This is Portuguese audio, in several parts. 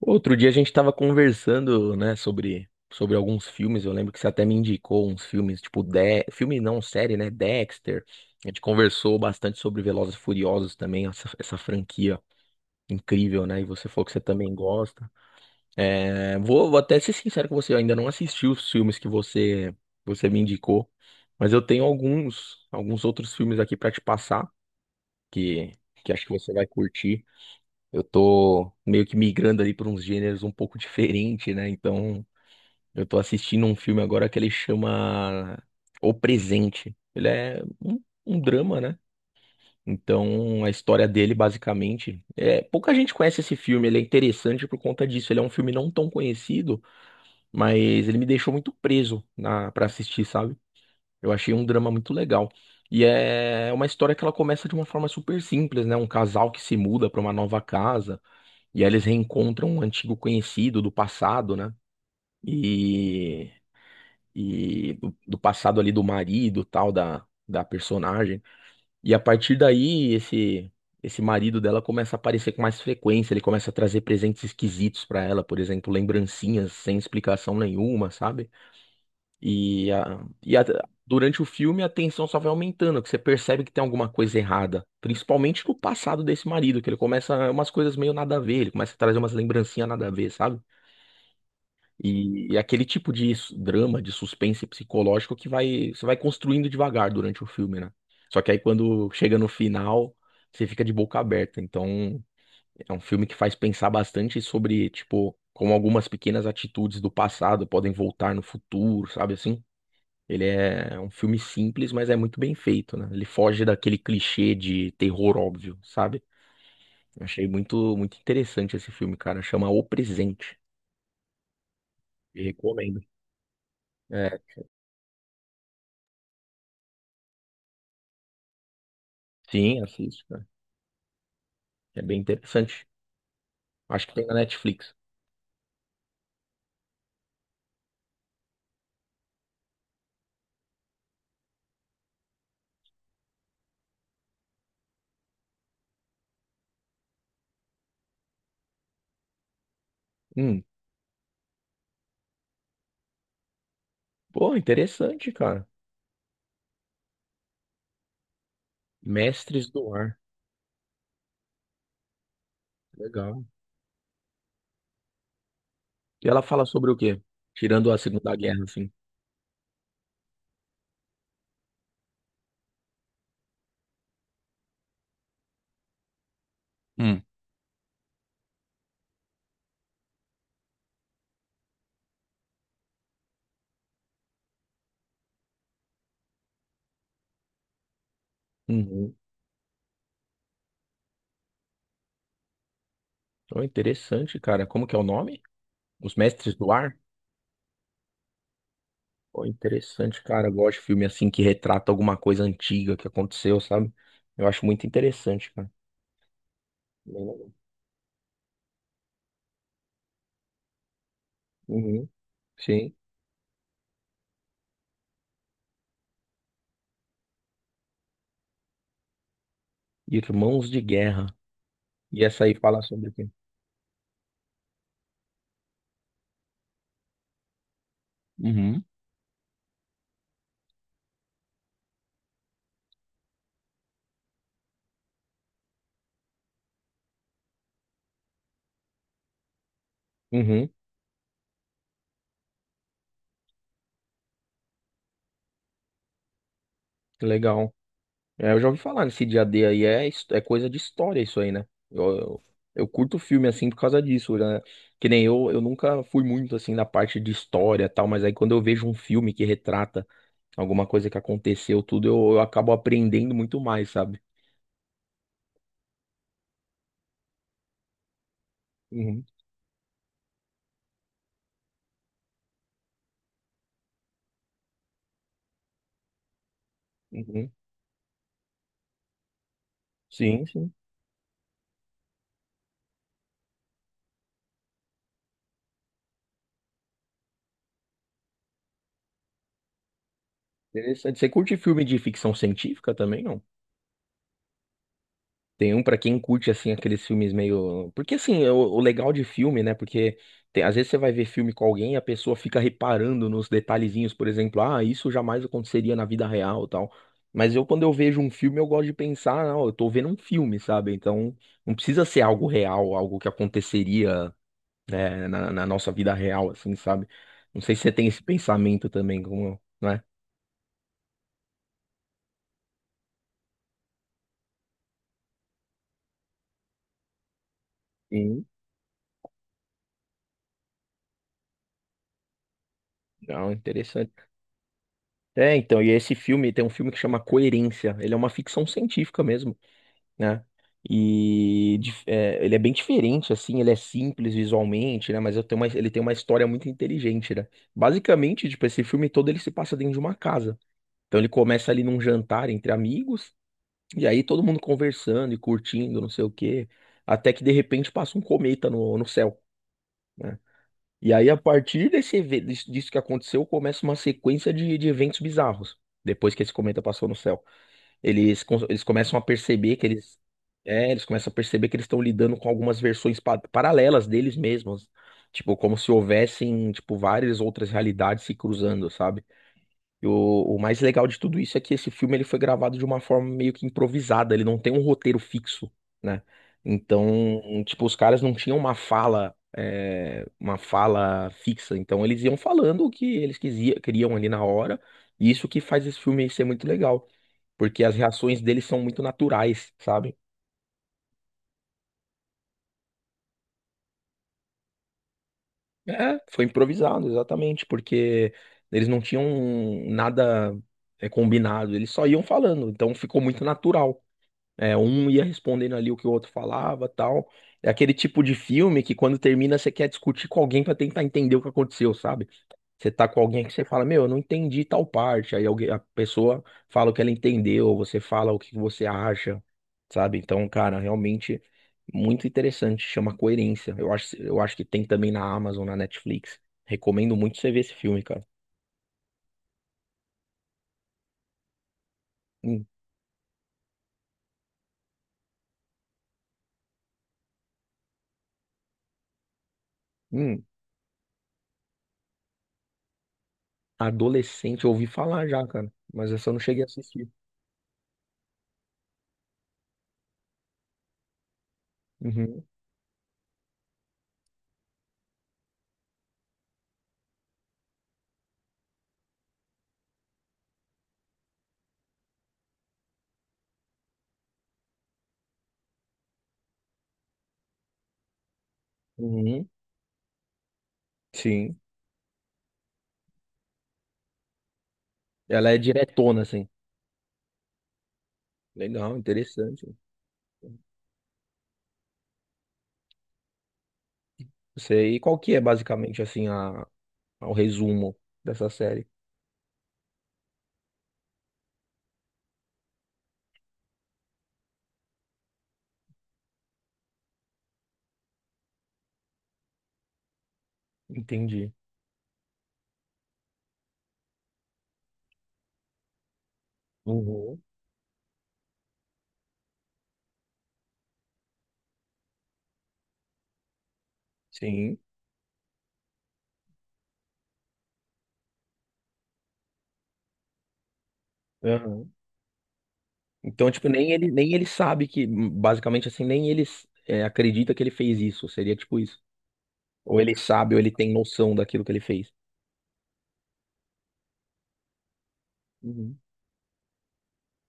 Outro dia a gente estava conversando, né, sobre alguns filmes. Eu lembro que você até me indicou uns filmes, tipo, filme não, série, né? Dexter. A gente conversou bastante sobre Velozes e Furiosos também, essa franquia incrível, né? E você falou que você também gosta. É, vou até ser sincero com você, eu ainda não assisti os filmes que você me indicou, mas eu tenho alguns outros filmes aqui para te passar, que, que acho que você vai curtir. Eu tô meio que migrando ali para uns gêneros um pouco diferente, né? Então, eu tô assistindo um filme agora que ele chama O Presente. Ele é um drama, né? Então, a história dele, basicamente, é pouca gente conhece esse filme. Ele é interessante por conta disso. Ele é um filme não tão conhecido, mas ele me deixou muito preso na para assistir, sabe? Eu achei um drama muito legal. E é uma história que ela começa de uma forma super simples, né? Um casal que se muda para uma nova casa. E aí eles reencontram um antigo conhecido do passado, né? E, e do passado ali do marido, tal, da personagem. E a partir daí, esse marido dela começa a aparecer com mais frequência. Ele começa a trazer presentes esquisitos pra ela, por exemplo, lembrancinhas sem explicação nenhuma, sabe? E, a, e a- Durante o filme a tensão só vai aumentando, que você percebe que tem alguma coisa errada. Principalmente no passado desse marido, que ele começa umas coisas meio nada a ver, ele começa a trazer umas lembrancinhas nada a ver, sabe? E, aquele tipo de drama, de suspense psicológico que vai, você vai construindo devagar durante o filme, né? Só que aí quando chega no final, você fica de boca aberta. Então, é um filme que faz pensar bastante sobre, tipo, como algumas pequenas atitudes do passado podem voltar no futuro, sabe assim? Ele é um filme simples, mas é muito bem feito, né? Ele foge daquele clichê de terror óbvio, sabe? Eu Achei muito, muito interessante esse filme, cara. Chama O Presente. E recomendo. É, sim, assiste. É bem interessante. Acho que tem na Netflix. Hum, pô, interessante, cara. Mestres do Ar. Legal. E ela fala sobre o quê? Tirando a Segunda Guerra, assim. Hum. Uhum. Pô, interessante, cara. Como que é o nome? Os Mestres do Ar? Pô, interessante, cara. Eu gosto de filme assim que retrata alguma coisa antiga que aconteceu, sabe? Eu acho muito interessante, cara. Bem legal. Uhum. Sim. Irmãos de Guerra. E essa aí fala sobre o quê? Uhum. Uhum. Legal. É, eu já ouvi falar nesse dia D aí, é, é coisa de história isso aí, né? Eu curto filme assim por causa disso, né? Que nem eu, nunca fui muito assim na parte de história e tal, mas aí quando eu vejo um filme que retrata alguma coisa que aconteceu, tudo, eu acabo aprendendo muito mais, sabe? Uhum, uhum. Sim, sim. Interessante. Você curte filme de ficção científica também, não? Tem um pra quem curte, assim, aqueles filmes meio. Porque, assim, é o legal de filme, né? Porque às vezes você vai ver filme com alguém e a pessoa fica reparando nos detalhezinhos, por exemplo, ah, isso jamais aconteceria na vida real, e tal. Mas eu, quando eu vejo um filme, eu gosto de pensar, não, eu tô vendo um filme, sabe? Então, não precisa ser algo real, algo que aconteceria, né, na nossa vida real, assim, sabe? Não sei se você tem esse pensamento também, como, né? Sim. Não, interessante. É, então, e esse filme tem um filme que chama Coerência. Ele é uma ficção científica mesmo, né? E é, ele é bem diferente, assim, ele é simples visualmente, né? Mas eu tenho ele tem uma história muito inteligente, né? Basicamente, tipo, esse filme todo ele se passa dentro de uma casa. Então ele começa ali num jantar entre amigos, e aí todo mundo conversando e curtindo, não sei o quê, até que de repente passa um cometa no céu. Né? E aí, a partir disso que aconteceu, começa uma sequência de eventos bizarros. Depois que esse cometa passou no céu, eles começam a perceber que eles. É, eles começam a perceber que eles estão lidando com algumas versões paralelas deles mesmos. Tipo, como se houvessem, tipo, várias outras realidades se cruzando, sabe? E o mais legal de tudo isso é que esse filme ele foi gravado de uma forma meio que improvisada, ele não tem um roteiro fixo, né? Então, tipo, os caras não tinham uma fala, uma fala fixa, então eles iam falando o que eles queriam ali na hora, e isso que faz esse filme ser muito legal, porque as reações deles são muito naturais, sabe? É, foi improvisado, exatamente, porque eles não tinham nada, combinado, eles só iam falando, então ficou muito natural. É, um ia respondendo ali o que o outro falava, tal. É aquele tipo de filme que quando termina você quer discutir com alguém pra tentar entender o que aconteceu, sabe? Você tá com alguém que você fala, meu, eu não entendi tal parte. Aí alguém, a pessoa fala o que ela entendeu, você fala o que você acha, sabe? Então, cara, realmente muito interessante, chama Coerência. Eu acho que tem também na Amazon, na Netflix. Recomendo muito você ver esse filme, cara. Hum, hum. Adolescente, eu ouvi falar já, cara, mas essa eu não cheguei a assistir. Uhum, uhum. Sim. Ela é diretona, assim. Legal, interessante. Não sei. E qual que é, basicamente, assim, o resumo dessa série? Entendi. Uhum. Sim. Aham. Então, tipo, nem ele sabe que, basicamente, assim, nem ele acredita que ele fez isso. Seria tipo isso. Ou ele sabe, ou ele tem noção daquilo que ele fez. Uhum.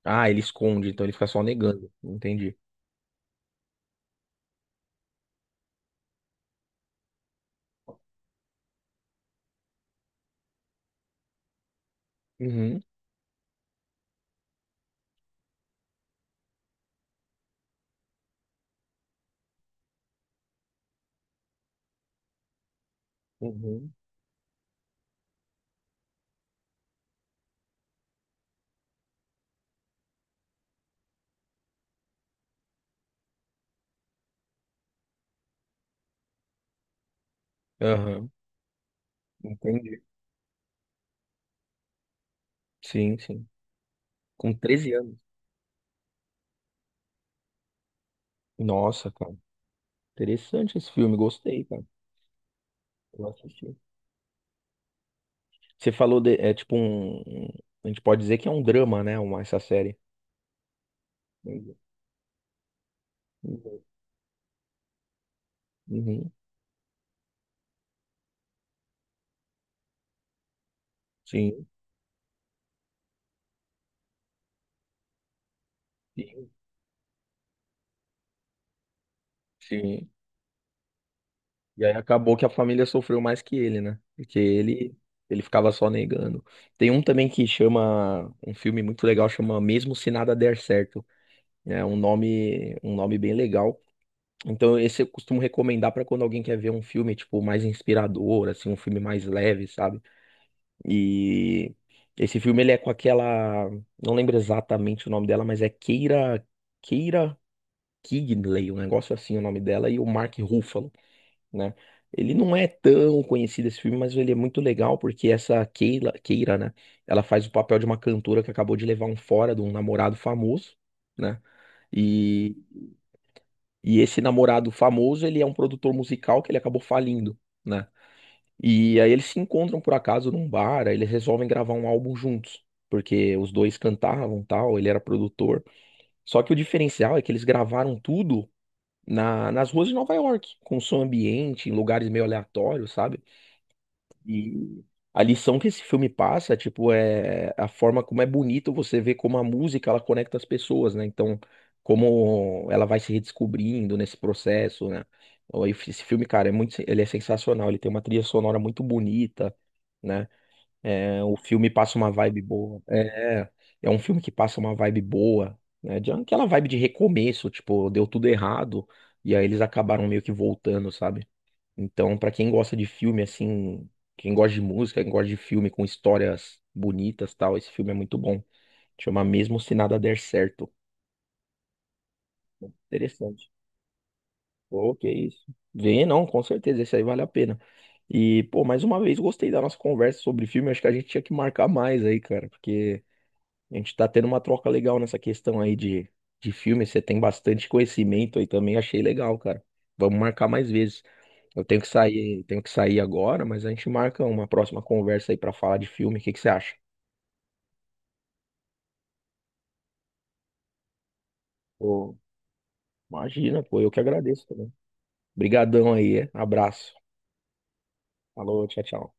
Ah, ele esconde, então ele fica só negando. Entendi. Uhum. Uhum. Aham. Entendi. Sim, sim. Com 13 anos. Nossa, cara. Interessante esse filme, gostei, cara. Eu assisti. Você falou de, é tipo a gente pode dizer que é um drama, né? Uma, essa série. Uhum, sim, sim, sim. E aí acabou que a família sofreu mais que ele, né? Porque ele ficava só negando. Tem um também que chama, um filme muito legal, chama Mesmo Se Nada Der Certo. É um nome bem legal. Então esse eu costumo recomendar pra quando alguém quer ver um filme, tipo, mais inspirador, assim, um filme mais leve, sabe? E esse filme ele é com aquela, não lembro exatamente o nome dela, mas é Keira Knightley, um negócio assim o nome dela e o Mark Ruffalo, né? Ele não é tão conhecido esse filme, mas ele é muito legal porque essa Keira, né? Ela faz o papel de uma cantora que acabou de levar um fora de um namorado famoso, né? E e esse namorado famoso, ele é um produtor musical que ele acabou falindo. Né? E aí eles se encontram por acaso num bar, aí eles resolvem gravar um álbum juntos, porque os dois cantavam, tal, ele era produtor. Só que o diferencial é que eles gravaram tudo nas ruas de Nova York, com som ambiente, em lugares meio aleatórios, sabe? E a lição que esse filme passa, tipo, é a forma como é bonito você ver como a música ela conecta as pessoas, né? Então, como ela vai se redescobrindo nesse processo, né? Ou Esse esse filme, cara, é muito, ele é sensacional, ele tem uma trilha sonora muito bonita, né? É, o filme passa uma vibe boa. É um filme que passa uma vibe boa, né? De aquela vibe de recomeço, tipo, deu tudo errado e aí eles acabaram meio que voltando, sabe? Então, pra quem gosta de filme assim, quem gosta de música, quem gosta de filme com histórias bonitas, e tal, esse filme é muito bom. Chama Mesmo Se Nada Der Certo. Interessante. Pô, que isso. Vê, não, com certeza, esse aí vale a pena. E, pô, mais uma vez gostei da nossa conversa sobre filme, acho que a gente tinha que marcar mais aí, cara, porque a gente tá tendo uma troca legal nessa questão aí de filme. Você tem bastante conhecimento aí também, achei legal, cara. Vamos marcar mais vezes. Eu tenho que sair agora, mas a gente marca uma próxima conversa aí pra falar de filme. O que que você acha? Pô, imagina, pô, eu que agradeço também. Obrigadão aí, é? Abraço. Falou, tchau, tchau.